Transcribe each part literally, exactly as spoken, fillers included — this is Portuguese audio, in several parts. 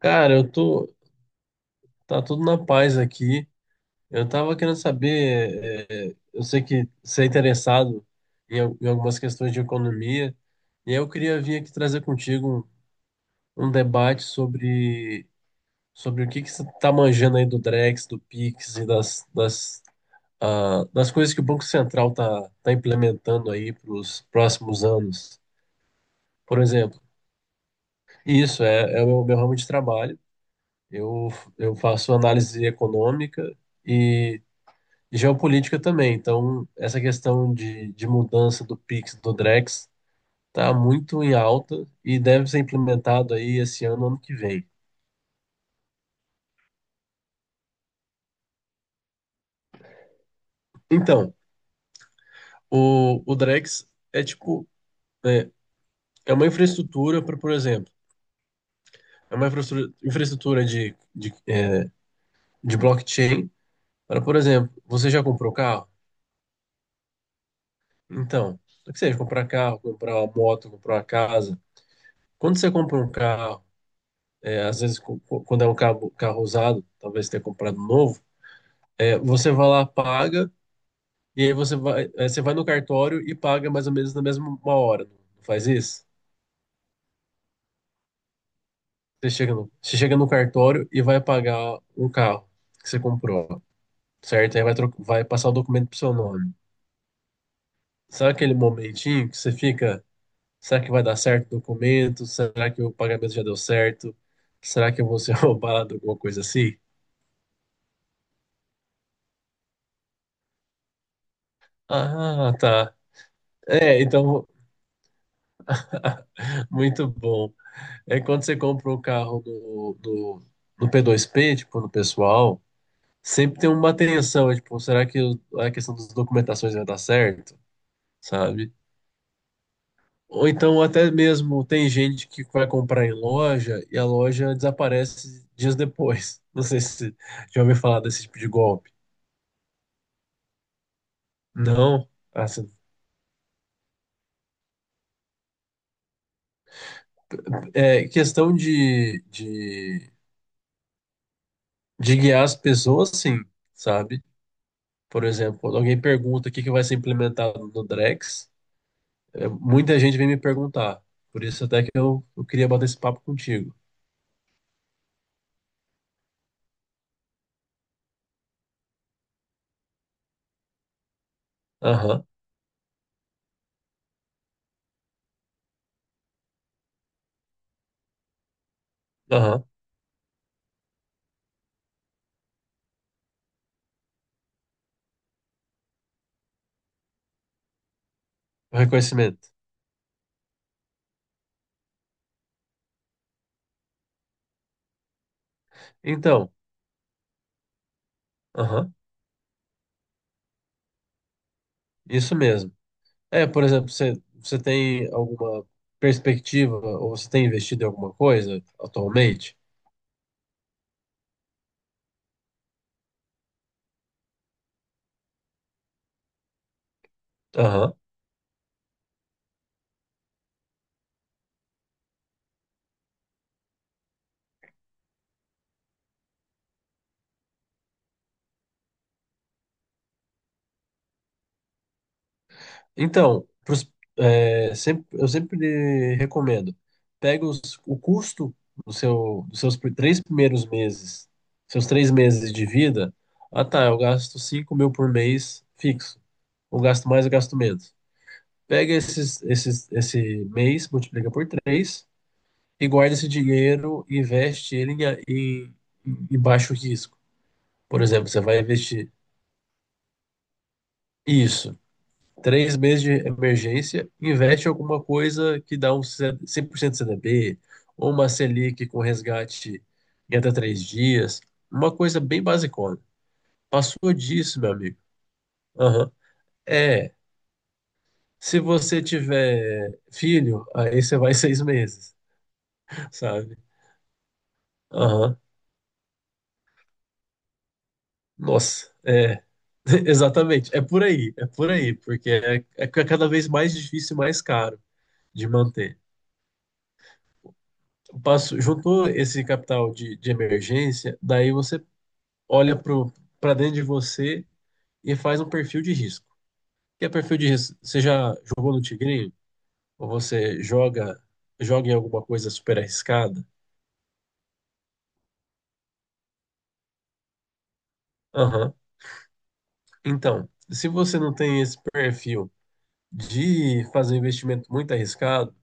Cara, eu tô. Tá tudo na paz aqui. Eu tava querendo saber. É, eu sei que você é interessado em, al- em algumas questões de economia, e aí eu queria vir aqui trazer contigo um, um debate sobre, sobre o que que você tá manjando aí do Drex, do Pix e das, das, ah, das coisas que o Banco Central tá, tá implementando aí para os próximos anos. Por exemplo, isso é, é o meu, meu ramo de trabalho. Eu, eu faço análise econômica, geopolítica também. Então, essa questão de, de mudança do Pix, do Drex, está muito em alta e deve ser implementado aí esse ano, ano que vem. Então, o, o Drex é tipo, é, é uma infraestrutura para, por exemplo, é uma infraestrutura, infraestrutura de, de, é, de blockchain para, por exemplo, você já comprou carro? Então, o que seja, comprar carro, comprar uma moto, comprar uma casa. Quando você compra um carro, é, às vezes, co- co- quando é um carro, carro usado, talvez você tenha comprado novo. É, você vai lá, paga, e aí você vai, é, você vai no cartório e paga mais ou menos na mesma hora. Não faz isso? Você chega no, você chega no cartório e vai pagar um carro que você comprou, certo? Aí vai, tro- vai passar o documento pro seu nome. Sabe aquele momentinho que você fica, será que vai dar certo o documento? Será que o pagamento já deu certo? Será que eu vou ser roubado? Alguma coisa assim? Ah, tá. É, então, muito bom. É quando você compra o carro do, do, do P dois P, tipo, no pessoal, sempre tem uma atenção, é, tipo, será que o- a questão das documentações vai dar certo, sabe? Ou então até mesmo tem gente que vai comprar em loja e a loja desaparece dias depois. Não sei se já ouviu falar desse tipo de golpe. Não. Assim, é questão de, de, de guiar as pessoas, sim, sabe? Por exemplo, quando alguém pergunta o que que vai ser implementado no Drex, é, muita gente vem me perguntar. Por isso até que eu, eu queria bater esse papo contigo. Aham, aham. Reconhecimento. Então, aham, isso mesmo. É, por exemplo, você, você tem alguma perspectiva ou você tem investido em alguma coisa atualmente? Aham. Então, pros- é, sempre, eu sempre recomendo, pega os, o custo do seu, dos seus pr- três primeiros meses, seus três meses de vida. Ah, tá, eu gasto cinco mil por mês fixo, ou gasto mais ou gasto menos. Pega esses, esses, esse mês, multiplica por três e guarda esse dinheiro e investe ele em, a- em, em baixo risco. Por exemplo, você vai investir isso, três meses de emergência, investe em alguma coisa que dá um cem por cento C D B, ou uma Selic com resgate em até três dias, uma coisa bem basicona. Passou disso, meu amigo. Aham. É, se você tiver filho, aí você vai seis meses, sabe? Aham. Nossa, é. Exatamente. É por aí, é por aí, porque é, é cada vez mais difícil e mais caro de manter. Passo, juntou esse capital de, de emergência, daí você olha para dentro de você e faz um perfil de risco. O que é perfil de risco? Você já jogou no Tigrinho? Ou você joga, joga em alguma coisa super arriscada? Aham. Então, se você não tem esse perfil de fazer um investimento muito arriscado,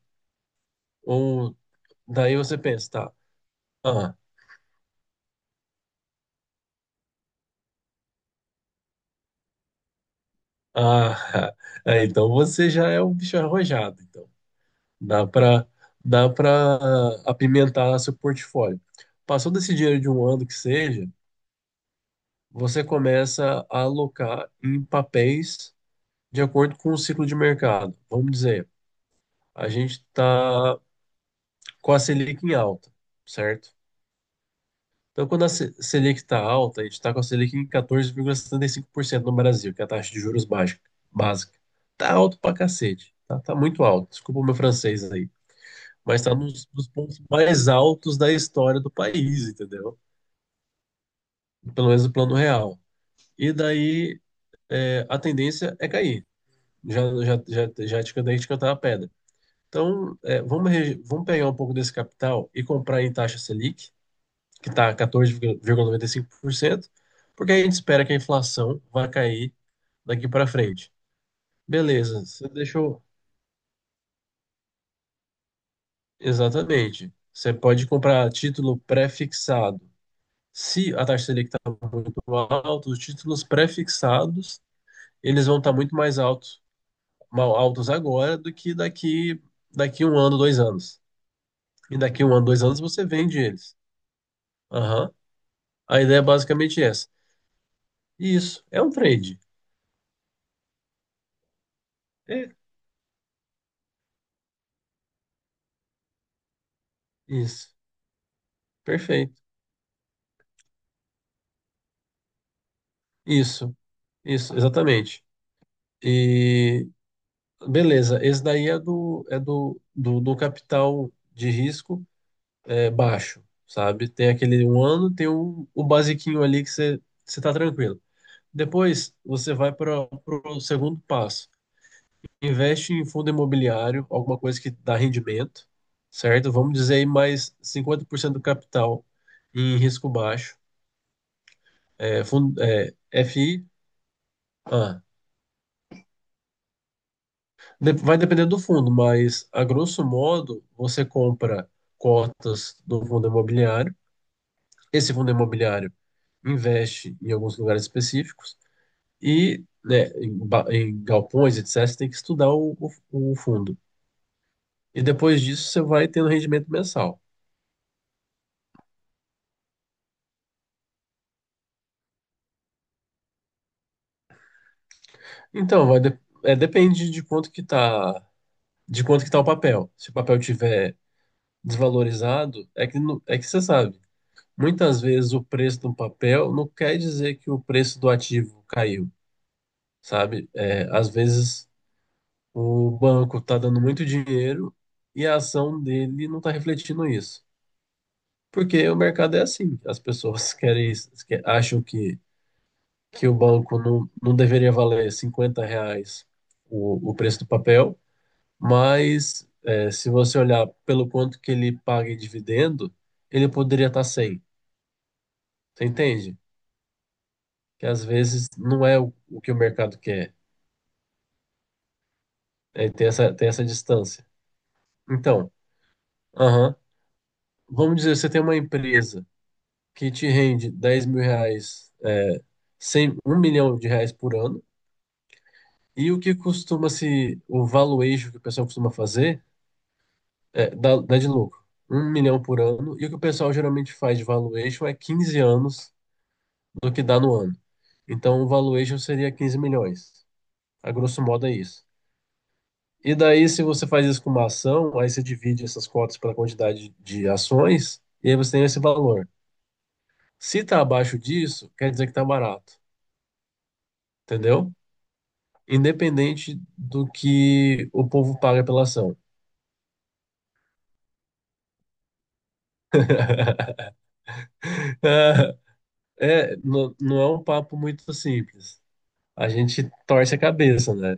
ou daí você pensa, tá? Ah, ah, é, então você já é um bicho arrojado, então dá para dá para apimentar seu portfólio. Passou desse dinheiro de um ano que seja, você começa a alocar em papéis de acordo com o ciclo de mercado. Vamos dizer, a gente está com a Selic em alta, certo? Então, quando a Se- Selic está alta, a gente está com a Selic em quatorze vírgula setenta e cinco por cento no Brasil, que é a taxa de juros básica. básica. Tá alto pra cacete. Tá, tá muito alto. Desculpa o meu francês aí. Mas tá nos, nos pontos mais altos da história do país, entendeu? Pelo menos no plano real. E daí, é, a tendência é cair. Já, já, já, já te cantei de cantar a pedra. Então, é, vamos, re- vamos pegar um pouco desse capital e comprar em taxa Selic que está quatorze vírgula noventa e cinco por cento, porque a gente espera que a inflação vai cair daqui para frente. Beleza, você deixou. Exatamente. Você pode comprar título pré-fixado. Se a taxa Selic está muito alta, os títulos pré-fixados eles vão estar muito mais altos, mal altos agora do que daqui daqui um ano, dois anos. E daqui um ano, dois anos você vende eles. Aham. A ideia é basicamente é essa. Isso, é um trade. É, isso, perfeito. Isso. Isso, exatamente. E beleza, esse daí é do é do, do, do capital de risco, é, baixo, sabe? Tem aquele um ano, tem o, o basiquinho ali que você você tá tranquilo. Depois você vai para o segundo passo. Investe em fundo imobiliário, alguma coisa que dá rendimento, certo? Vamos dizer aí mais cinquenta por cento do capital em risco baixo. É, fundo, é, F I. Ah. De- vai depender do fundo, mas a grosso modo você compra cotas do fundo imobiliário. Esse fundo imobiliário investe em alguns lugares específicos e, né, em, ba- em galpões, etcétera. Você tem que estudar o, o- o fundo. E depois disso você vai tendo rendimento mensal. Então, vai de- é, depende de quanto que tá, de quanto que tá o papel. Se o papel tiver desvalorizado, é que, não- é que você sabe. Muitas vezes o preço do papel não quer dizer que o preço do ativo caiu, sabe? É, às vezes o banco está dando muito dinheiro e a ação dele não está refletindo isso. Porque o mercado é assim, as pessoas querem, que- acham que, que o banco não, não deveria valer cinquenta reais o, o preço do papel, mas é, se você olhar pelo quanto que ele paga em dividendo, ele poderia estar cem, você entende? Que às vezes não é o, o que o mercado quer, é, tem essa, tem essa distância. Então, vamos dizer, você tem uma empresa que te rende dez mil reais, é, cem, um milhão de reais por ano, e o que costuma se, o valuation que o pessoal costuma fazer é, dá, dá de lucro, um milhão por ano, e o que o pessoal geralmente faz de valuation é quinze anos do que dá no ano. Então o valuation seria quinze milhões, a grosso modo é isso. E daí, se você faz isso com uma ação, aí você divide essas cotas pela quantidade de ações, e aí você tem esse valor. Se está abaixo disso, quer dizer que está barato, entendeu? Independente do que o povo paga pela ação. É, não, não é um papo muito simples. A gente torce a cabeça, né?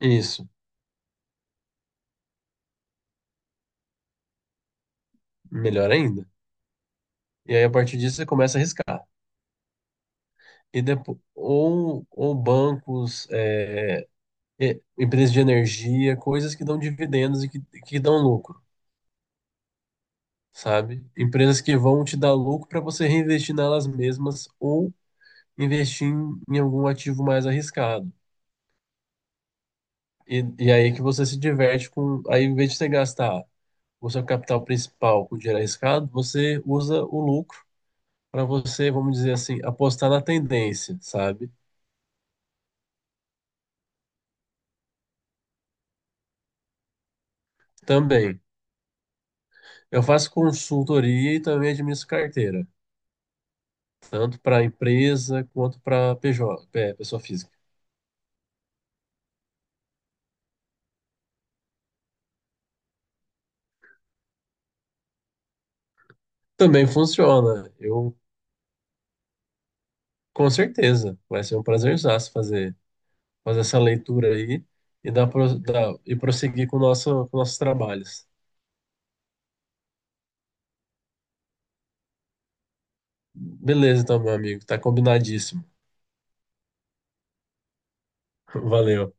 Isso, melhor ainda. E aí, a partir disso, você começa a arriscar. E depois, ou, ou bancos, é, e- empresas de energia, coisas que dão dividendos e que, que dão lucro, sabe? Empresas que vão te dar lucro para você reinvestir nelas mesmas ou investir em, em algum ativo mais arriscado. E, e aí que você se diverte com. Aí, em vez de você gastar o seu capital principal com dinheiro arriscado, você usa o lucro para você, vamos dizer assim, apostar na tendência, sabe? Também. Eu faço consultoria e também administro carteira, tanto para empresa quanto para P J, é, pessoa física. Também funciona. Eu, com certeza, vai ser um prazerzaço fazer, fazer essa leitura aí e, dar, pro- dar- e prosseguir com, o nosso, com nossos trabalhos. Beleza, então, meu amigo. Tá combinadíssimo. Valeu.